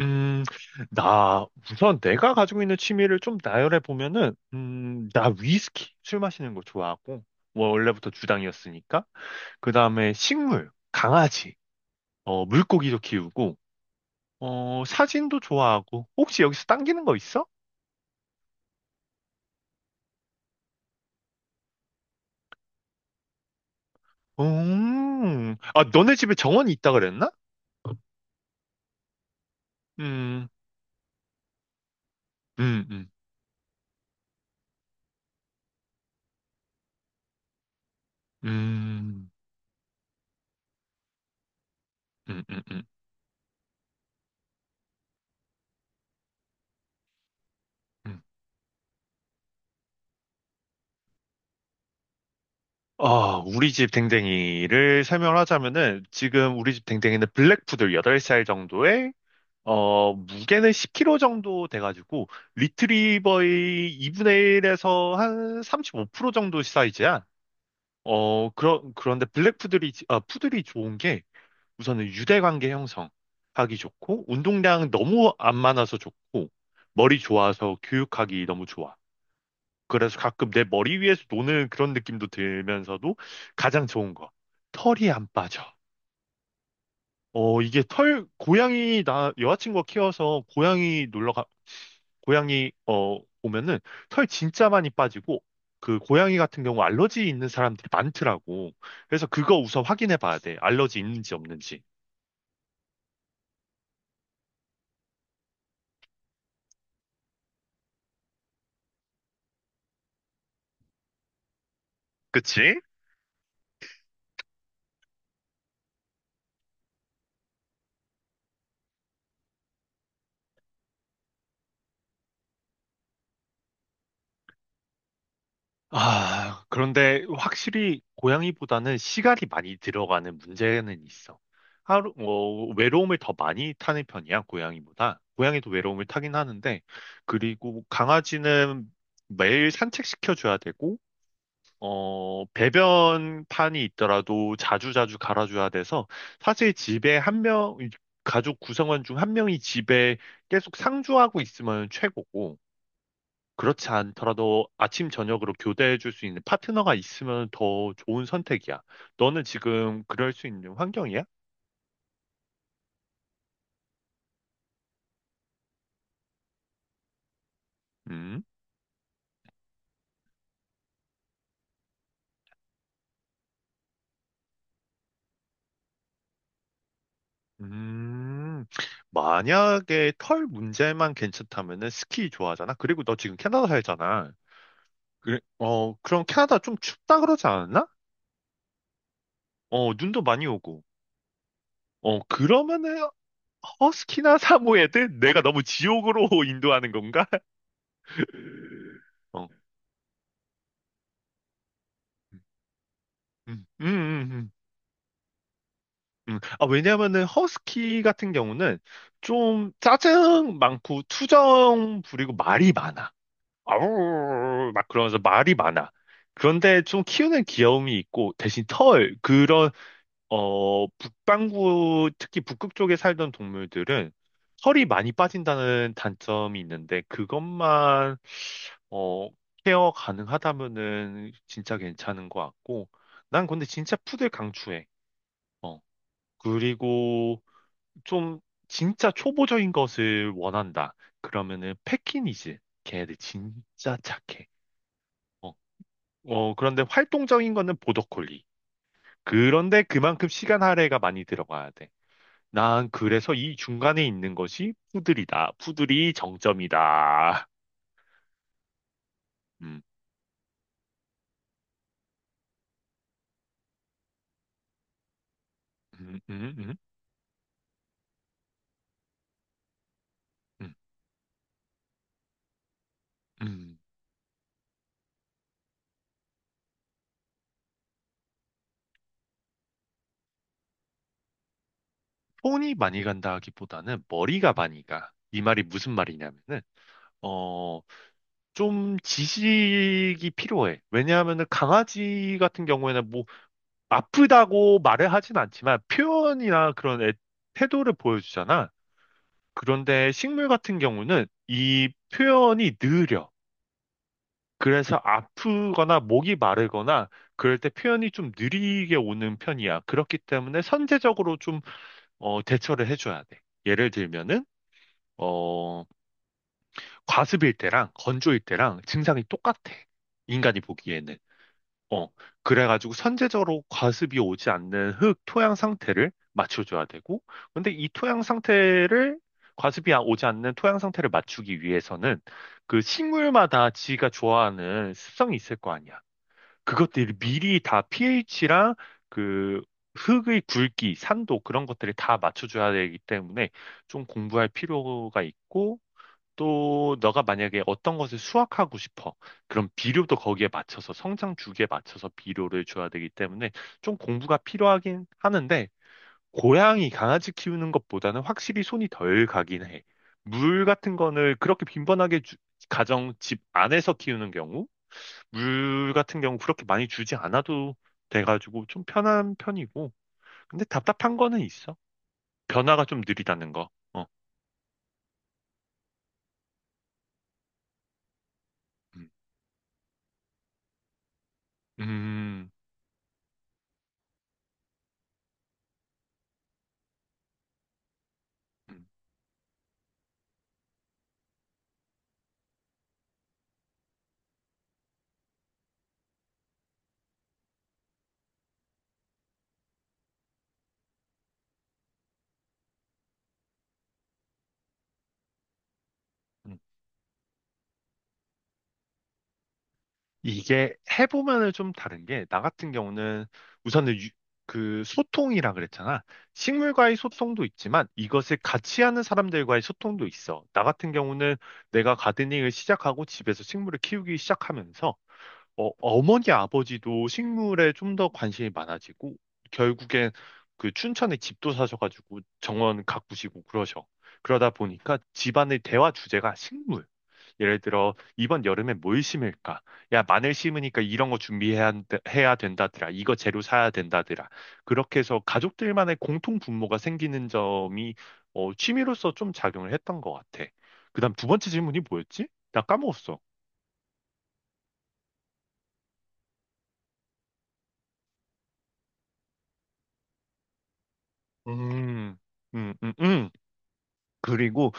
음, 나, 우선 내가 가지고 있는 취미를 좀 나열해 보면은, 나 위스키, 술 마시는 거 좋아하고, 뭐 원래부터 주당이었으니까. 그 다음에 식물, 강아지, 물고기도 키우고, 사진도 좋아하고, 혹시 여기서 당기는 거 있어? 아, 너네 집에 정원이 있다 그랬나? 음, 음, 음, 음, 음, 음, 음, 음. 아, 우리 집 댕댕이를 설명을 하자면은 지금 우리 집 댕댕이는 블랙푸들 8살 정도에 무게는 10kg 정도 돼가지고 리트리버의 2분의 1에서 한 35% 정도 사이즈야. 그런데 블랙푸들이, 푸들이 좋은 게 우선은 유대관계 형성하기 좋고 운동량 너무 안 많아서 좋고 머리 좋아서 교육하기 너무 좋아. 그래서 가끔 내 머리 위에서 노는 그런 느낌도 들면서도 가장 좋은 거. 털이 안 빠져. 이게 털, 고양이, 나 여자친구가 키워서 고양이 놀러 가, 고양이, 오면은 털 진짜 많이 빠지고 그 고양이 같은 경우 알러지 있는 사람들이 많더라고. 그래서 그거 우선 확인해 봐야 돼. 알러지 있는지 없는지. 그치? 아, 그런데 확실히 고양이보다는 시간이 많이 들어가는 문제는 있어. 하루, 외로움을 더 많이 타는 편이야, 고양이보다. 고양이도 외로움을 타긴 하는데, 그리고 강아지는 매일 산책시켜줘야 되고, 배변판이 있더라도 자주자주 갈아줘야 돼서, 사실 집에 한 명, 가족 구성원 중 한 명이 집에 계속 상주하고 있으면 최고고, 그렇지 않더라도 아침 저녁으로 교대해 줄 수 있는 파트너가 있으면 더 좋은 선택이야. 너는 지금 그럴 수 있는 환경이야? 음. 음. 만약에 털 문제만 괜찮다면은 스키 좋아하잖아. 그리고 너 지금 캐나다 살잖아. 그래, 그럼 캐나다 좀 춥다 그러지 않았나? 눈도 많이 오고. 그러면은 허스키나 사모예드? 내가 너무 지옥으로 인도하는 건가? 어. 음, 음, 음, 음. 아, 왜냐면은 허스키 같은 경우는 좀 짜증 많고 투정 부리고 말이 많아. 아우 막 그러면서 말이 많아. 그런데 좀 키우는 귀여움이 있고 대신 털 그런 북반구 특히 북극 쪽에 살던 동물들은 털이 많이 빠진다는 단점이 있는데 그것만 어 케어 가능하다면은 진짜 괜찮은 것 같고 난 근데 진짜 푸들 강추해. 어 그리고 좀 진짜 초보적인 것을 원한다. 그러면은 패키니즈. 걔네들 진짜 착해. 어, 그런데 활동적인 거는 보더콜리. 그런데 그만큼 시간 할애가 많이 들어가야 돼. 난 그래서 이 중간에 있는 것이 푸들이다. 푸들이 정점이다. 음, 음, 음, 음, 음, 음. 손이 많이 간다 하기보다는 머리가 많이 가. 이 말이 무슨 말이냐면은, 어, 좀 지식이 필요해. 왜냐하면은 강아지 같은 경우에는 뭐 아프다고 말을 하진 않지만 표현이나 그런 태도를 보여주잖아. 그런데 식물 같은 경우는 이 표현이 느려. 그래서 아프거나 목이 마르거나 그럴 때 표현이 좀 느리게 오는 편이야. 그렇기 때문에 선제적으로 좀 대처를 해줘야 돼. 예를 들면은 어, 과습일 때랑 건조일 때랑 증상이 똑같아. 인간이 보기에는. 어, 그래가지고 선제적으로 과습이 오지 않는 흙 토양 상태를 맞춰줘야 되고, 근데 이 토양 상태를, 과습이 오지 않는 토양 상태를 맞추기 위해서는 그 식물마다 지가 좋아하는 습성이 있을 거 아니야. 그것들이 미리 다 pH랑 그 흙의 굵기, 산도 그런 것들을 다 맞춰줘야 되기 때문에 좀 공부할 필요가 있고, 또 너가 만약에 어떤 것을 수확하고 싶어. 그럼 비료도 거기에 맞춰서 성장 주기에 맞춰서 비료를 줘야 되기 때문에 좀 공부가 필요하긴 하는데 고양이 강아지 키우는 것보다는 확실히 손이 덜 가긴 해. 물 같은 거를 그렇게 빈번하게 가정 집 안에서 키우는 경우 물 같은 경우 그렇게 많이 주지 않아도 돼가지고 좀 편한 편이고 근데 답답한 거는 있어. 변화가 좀 느리다는 거. 어. 음. 음. 음. 음. 이게 해보면은 좀 다른 게, 나 같은 경우는 우선은 그 소통이라 그랬잖아. 식물과의 소통도 있지만 이것을 같이 하는 사람들과의 소통도 있어. 나 같은 경우는 내가 가드닝을 시작하고 집에서 식물을 키우기 시작하면서 어머니 아버지도 식물에 좀 더 관심이 많아지고 결국엔 그 춘천에 집도 사셔가지고 정원 가꾸시고 그러셔. 그러다 보니까 집안의 대화 주제가 식물. 예를 들어 이번 여름에 뭘 심을까? 야, 마늘 심으니까 이런 거 준비해야 해야 된다더라. 이거 재료 사야 된다더라. 그렇게 해서 가족들만의 공통 분모가 생기는 점이 취미로서 좀 작용을 했던 것 같아. 그다음 두 번째 질문이 뭐였지? 나 까먹었어. 음, 음, 음, 음. 그리고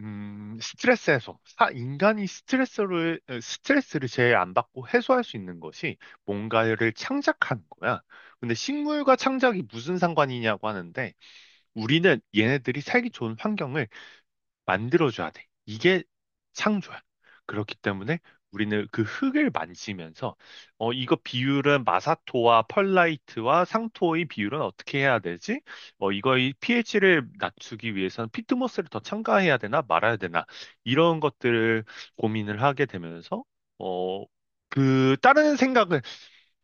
스트레스 해소. 인간이 스트레스를 제일 안 받고 해소할 수 있는 것이 뭔가를 창작하는 거야. 근데 식물과 창작이 무슨 상관이냐고 하는데 우리는 얘네들이 살기 좋은 환경을 만들어줘야 돼. 이게 창조야. 그렇기 때문에 우리는 그 흙을 만지면서 이거 비율은 마사토와 펄라이트와 상토의 비율은 어떻게 해야 되지? 이거의 pH를 낮추기 위해서는 피트모스를 더 첨가해야 되나 말아야 되나 이런 것들을 고민을 하게 되면서 어 그 다른 생각을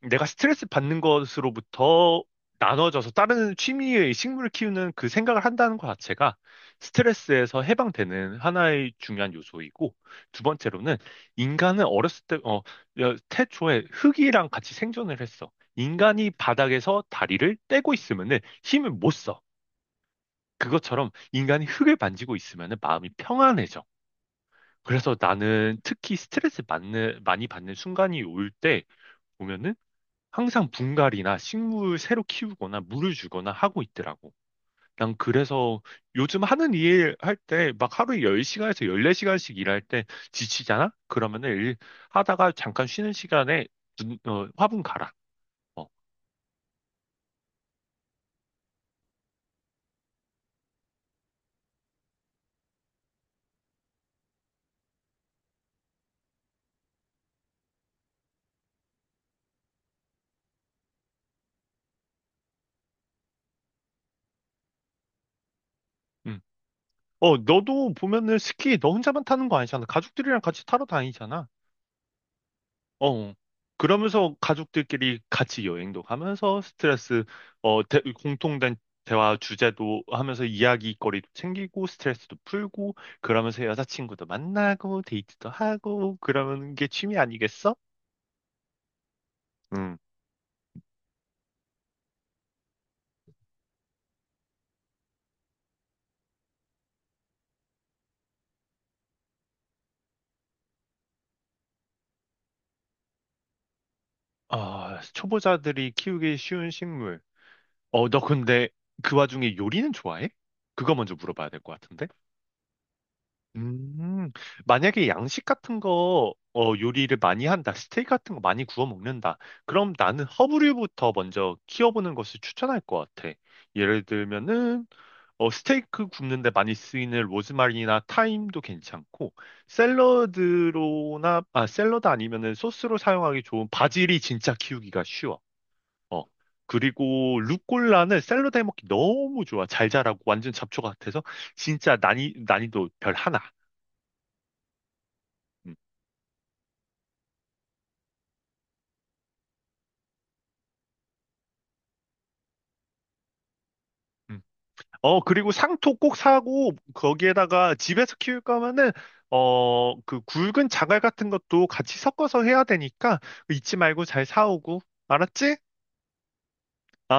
내가 스트레스 받는 것으로부터 나눠져서 다른 취미의 식물을 키우는 그 생각을 한다는 것 자체가 스트레스에서 해방되는 하나의 중요한 요소이고, 두 번째로는 인간은 어렸을 때, 태초에 흙이랑 같이 생존을 했어. 인간이 바닥에서 다리를 떼고 있으면은 힘을 못 써. 그것처럼 인간이 흙을 만지고 있으면은 마음이 평안해져. 그래서 나는 특히 스트레스 받는, 많이 받는 순간이 올 때 보면은 항상 분갈이나 식물 새로 키우거나 물을 주거나 하고 있더라고. 난 그래서 요즘 하는 일 할 때 막 하루에 10시간에서 14시간씩 일할 때 지치잖아? 그러면은 일 하다가 잠깐 쉬는 시간에 화분 갈아. 어, 응. 너도 보면은 스키 너 혼자만 타는 거 아니잖아. 가족들이랑 같이 타러 다니잖아. 어. 그러면서 가족들끼리 같이 여행도 가면서 스트레스, 공통된 대화 주제도 하면서 이야기거리도 챙기고 스트레스도 풀고 그러면서 여자친구도 만나고 데이트도 하고 그러는 게 취미 아니겠어? 음. 아, 초보자들이 키우기 쉬운 식물. 너 근데 그 와중에 요리는 좋아해? 그거 먼저 물어봐야 될 것 같은데? 음, 만약에 양식 같은 거, 요리를 많이 한다, 스테이크 같은 거 많이 구워 먹는다, 그럼 나는 허브류부터 먼저 키워보는 것을 추천할 것 같아. 예를 들면은, 스테이크 굽는데 많이 쓰이는 로즈마리나 타임도 괜찮고, 샐러드 아니면은 소스로 사용하기 좋은 바질이 진짜 키우기가 쉬워. 어. 그리고 루꼴라는 샐러드 해먹기 너무 좋아. 잘 자라고 완전 잡초 같아서 진짜 난이도 별 하나. 음. 음. 그리고 상토 꼭 사고, 거기에다가 집에서 키울 거면은, 그 굵은 자갈 같은 것도 같이 섞어서 해야 되니까, 잊지 말고 잘 사오고. 알았지? 아.